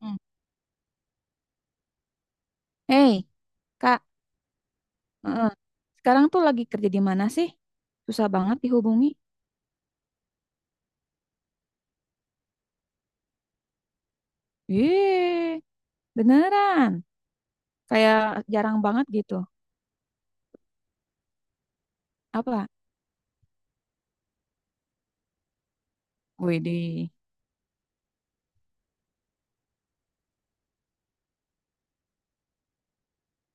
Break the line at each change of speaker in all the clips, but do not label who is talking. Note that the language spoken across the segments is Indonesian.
Hmm. Hei, Kak, heeh. Sekarang tuh lagi kerja di mana sih? Susah banget dihubungi. Yeay, beneran. Kayak jarang banget gitu. Apa? Widih,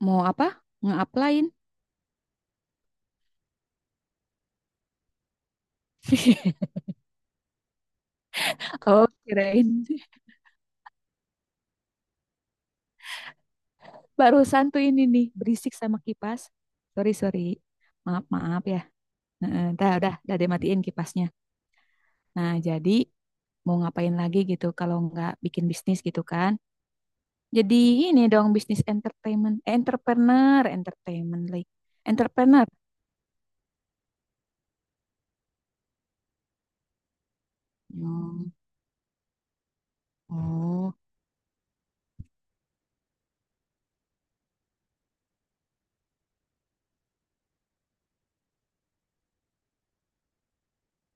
mau apa? Nge-applyin? Oh, kirain. Barusan tuh ini nih, berisik sama kipas. Sorry, sorry. Maaf, maaf ya. Heeh, dah, udah dimatiin kipasnya. Nah, jadi mau ngapain lagi gitu kalau nggak bikin bisnis gitu kan? Jadi ini dong bisnis entertainment, eh, entrepreneur, entertainment lagi. Entrepreneur. Hmm. Oh,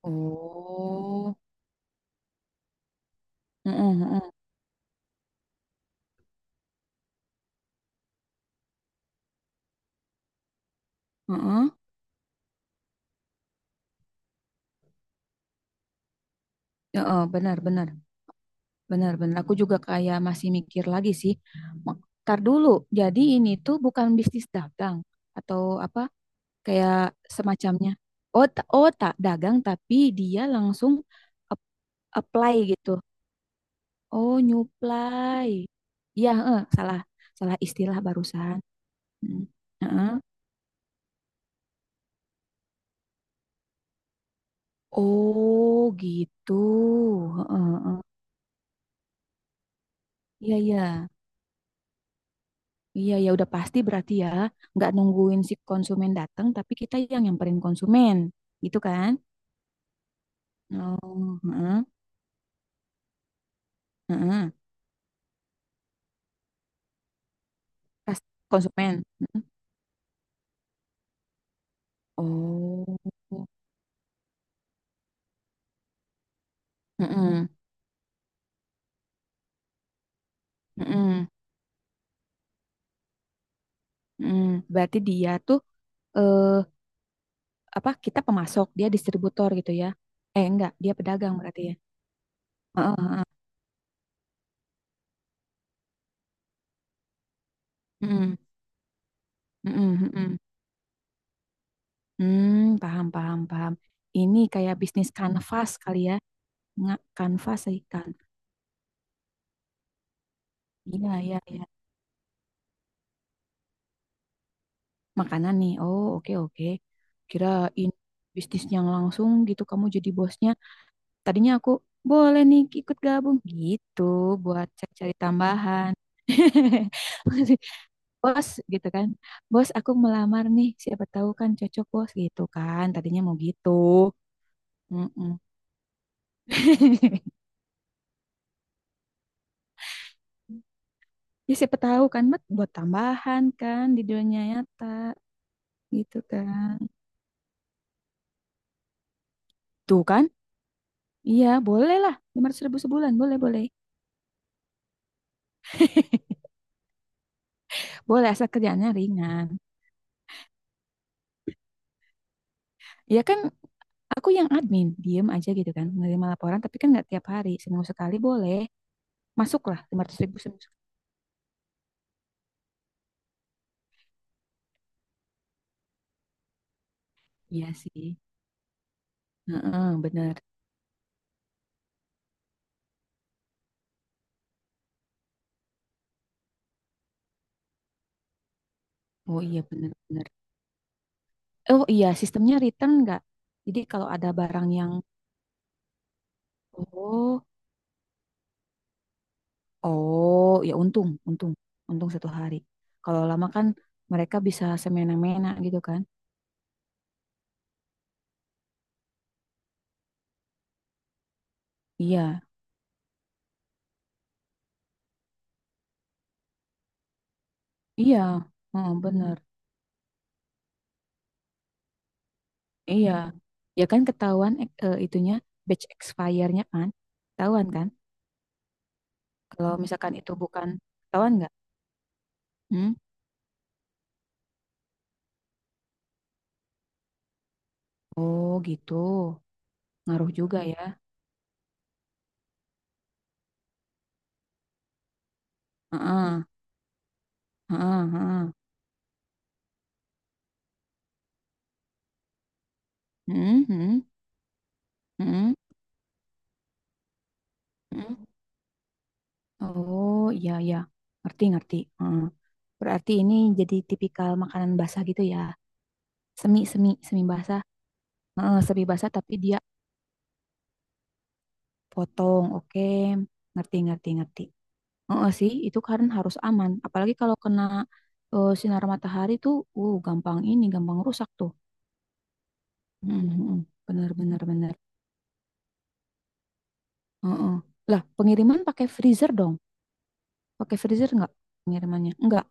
oh. Heeh, heeh, heeh. Heeh, benar, benar. Benar, benar. Aku juga kayak masih mikir lagi sih. Ntar dulu. Jadi ini tuh bukan bisnis dagang atau apa kayak semacamnya. Oh, oh tak dagang tapi dia langsung ap- apply gitu. Oh, nyuplai. Iya, heeh, salah. Salah istilah barusan. Mm. Heeh. Oh gitu. Heeh, heeh. Iya, iya, iya, ya udah pasti berarti ya nggak nungguin si konsumen datang tapi kita yang nyamperin konsumen gitu kan? Oh, heeh, heeh. Pas konsumen. Heeh. Oh, heeh, heeh, heeh. Berarti dia tuh eh, apa? Kita pemasok dia distributor gitu ya? Eh, enggak, dia pedagang berarti ya? Heeh, heeh, heeh, heeh. Hmm, paham, paham, paham. Ini kayak bisnis kanvas kali ya. Nggak kanvas sih kan. Iya, iya, iya. Makanan nih. Oh, oke, oke. Kirain bisnis yang langsung gitu kamu jadi bosnya. Tadinya aku boleh nih ikut gabung gitu buat cari-cari tambahan. Bos gitu kan. Bos, aku melamar nih, siapa tahu kan cocok bos gitu kan. Tadinya mau gitu. Mm-mm. Ya siapa tahu kan Mat buat tambahan kan di dunia nyata gitu kan. Tuh kan? Iya, boleh lah. 500 ribu sebulan, boleh, boleh. Boleh, asal kerjaannya ringan. Ya kan, aku yang admin, diem aja gitu kan. Menerima laporan, tapi kan nggak tiap hari. Seminggu sekali boleh. Masuklah 500 ribu seminggu sekali. Iya sih. Heeh, bener. Oh iya, bener, bener. Oh iya, sistemnya return nggak? Jadi kalau ada barang yang... Oh. Oh, ya untung, untung, untung satu hari. Kalau lama kan mereka bisa semena-mena gitu kan? Iya, iya, oh, bener, iya. Ya kan ketahuan itunya batch expire-nya kan, ketahuan kan? Kalau misalkan itu bukan, ketahuan nggak? Hmm? Oh gitu, ngaruh juga ya. Heeh, heeh, heeh. Hmm, hmm, hmm, hmm. Oh iya iya, ngerti ngerti. Heeh. Berarti ini jadi tipikal makanan basah gitu ya? Semi semi semi basah. Heeh, semi basah tapi dia potong, oke, ngerti ngerti ngerti. Heeh sih, itu harus aman, apalagi kalau kena sinar matahari tuh, gampang ini gampang rusak tuh. Mm, mm, mm. Bener bener bener. Heeh. Lah pengiriman pakai freezer dong, pakai freezer nggak pengirimannya, nggak?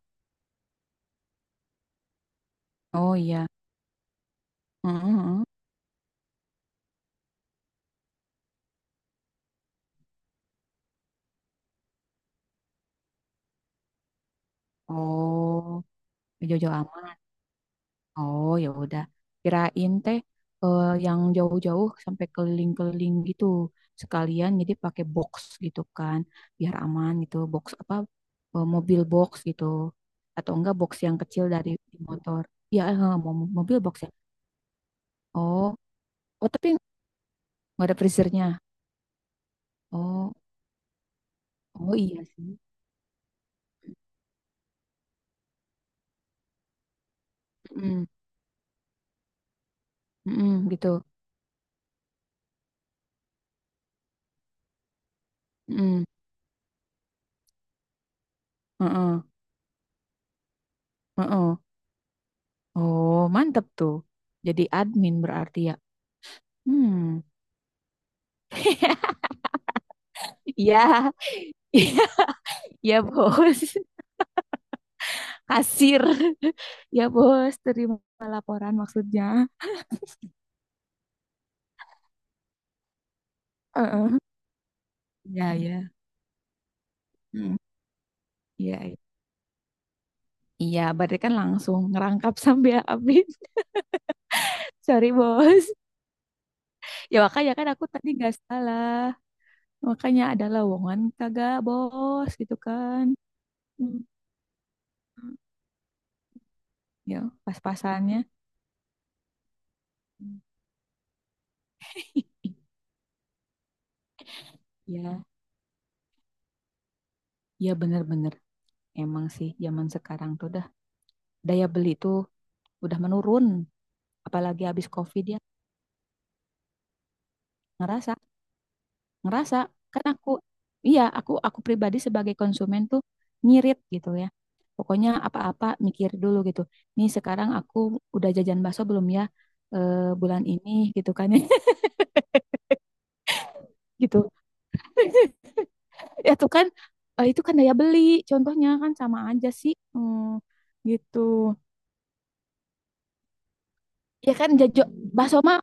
Oh iya. Heeh, heeh. Oh ya jauh-jauh. Oh ya udah, kirain teh yang jauh-jauh sampai keliling-keliling gitu sekalian, jadi pakai box gitu kan, biar aman gitu, box apa mobil box gitu, atau enggak box yang kecil dari motor? Ya mau mobil box ya. Oh, oh tapi nggak ada freezernya. Oh, oh iya sih. Mm, mm, gitu. Mm, mm-mm. Oh mantep tuh. Jadi admin berarti ya. Hmm, iya. Ya bos, kasir. Ya bos, terima laporan maksudnya. Heeh. Ya ya. Hmm. Iya iya. Iya, berarti kan langsung ngerangkap sampai habis. Sorry bos. Ya makanya kan aku tadi gak salah. Makanya ada lowongan kagak bos gitu kan. Hmm. Ya pas-pasannya. Hmm. Ya, ya bener-bener. Emang sih zaman sekarang tuh dah, daya beli tuh udah menurun. Apalagi habis COVID ya. Ngerasa, ngerasa kan aku, iya aku pribadi sebagai konsumen tuh nyirit gitu ya, pokoknya apa-apa mikir dulu gitu. Nih sekarang aku udah jajan bakso belum ya, eh, bulan ini gitu kan ya. Gitu ya tuh kan itu kan daya beli contohnya kan sama aja sih. Hmm, gitu ya kan, jajo bakso mah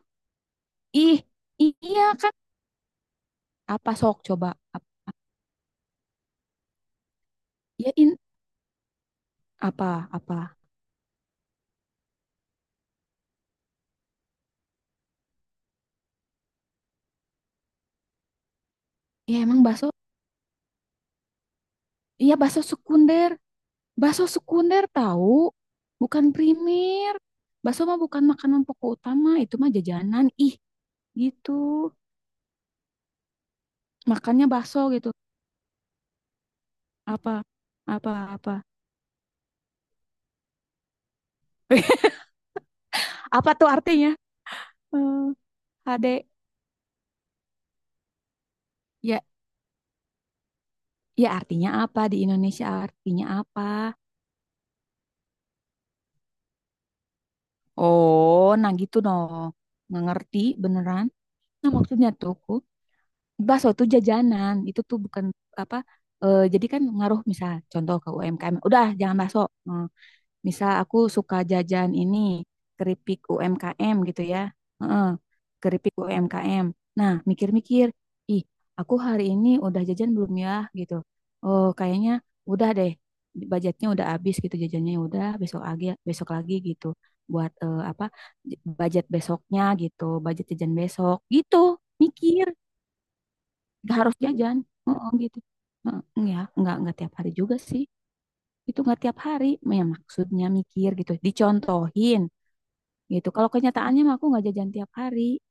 ih iya kan. Apa sok coba. Ap- ya in, apa apa ya, emang bakso. Iya bakso sekunder. Bakso sekunder tahu, bukan primer. Bakso mah bukan makanan pokok utama, itu mah jajanan. Ih, gitu. Makannya bakso gitu. Apa? Apa apa? Apa tuh artinya? Eh, HD. Ya, ya artinya apa, di Indonesia artinya apa? Oh, nah gitu dong. Nggak ngerti beneran. Nah, maksudnya tuh ku, bakso tuh jajanan. Itu tuh bukan apa jadi kan ngaruh misal contoh ke UMKM. Udah, jangan bakso. Eh, misal aku suka jajan ini keripik UMKM gitu ya. Heeh, keripik UMKM. Nah, mikir-mikir, ih, aku hari ini udah jajan belum ya gitu. Oh, kayaknya udah deh. Budgetnya udah habis gitu jajannya, udah besok lagi gitu buat apa budget besoknya gitu, budget jajan besok gitu. Mikir, gak harus jajan. Heeh, gitu. Heeh, ya, nggak tiap hari juga sih, itu nggak tiap hari, ya maksudnya mikir gitu dicontohin gitu, kalau kenyataannya mah aku nggak jajan tiap hari,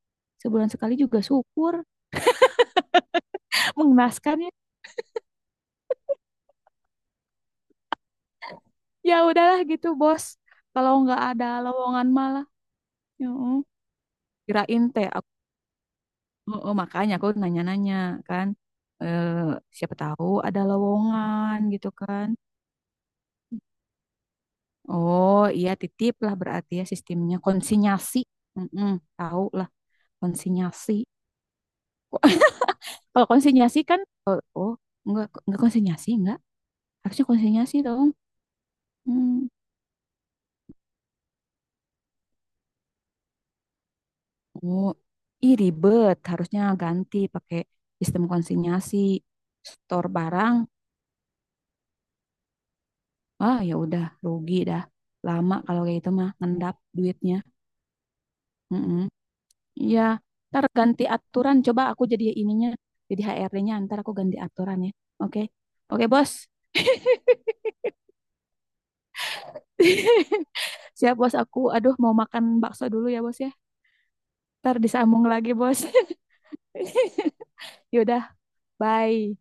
sebulan sekali juga syukur. Mengenaskan ya. Ya udahlah gitu bos, kalau nggak ada lowongan malah ya kirain teh aku makanya aku nanya-nanya kan eh, siapa tahu ada lowongan gitu kan. Oh iya titip lah berarti ya, sistemnya konsinyasi. Mm, tahu lah konsinyasi kok. Kalau konsinyasi kan, oh, oh, enggak konsinyasi, enggak. Harusnya konsinyasi dong. Hmm. Oh, ih ribet. Harusnya ganti pakai sistem konsinyasi. Store barang, ah ya udah rugi dah. Lama kalau kayak itu mah, ngendap duitnya. Mm-mm. Iya, ntar ganti aturan. Coba aku jadi ininya, jadi HRD-nya, ntar aku ganti aturan ya. Oke. Oke bos. Siap bos aku. Aduh, mau makan bakso dulu ya bos ya. Ntar disambung lagi bos. Yaudah. Bye.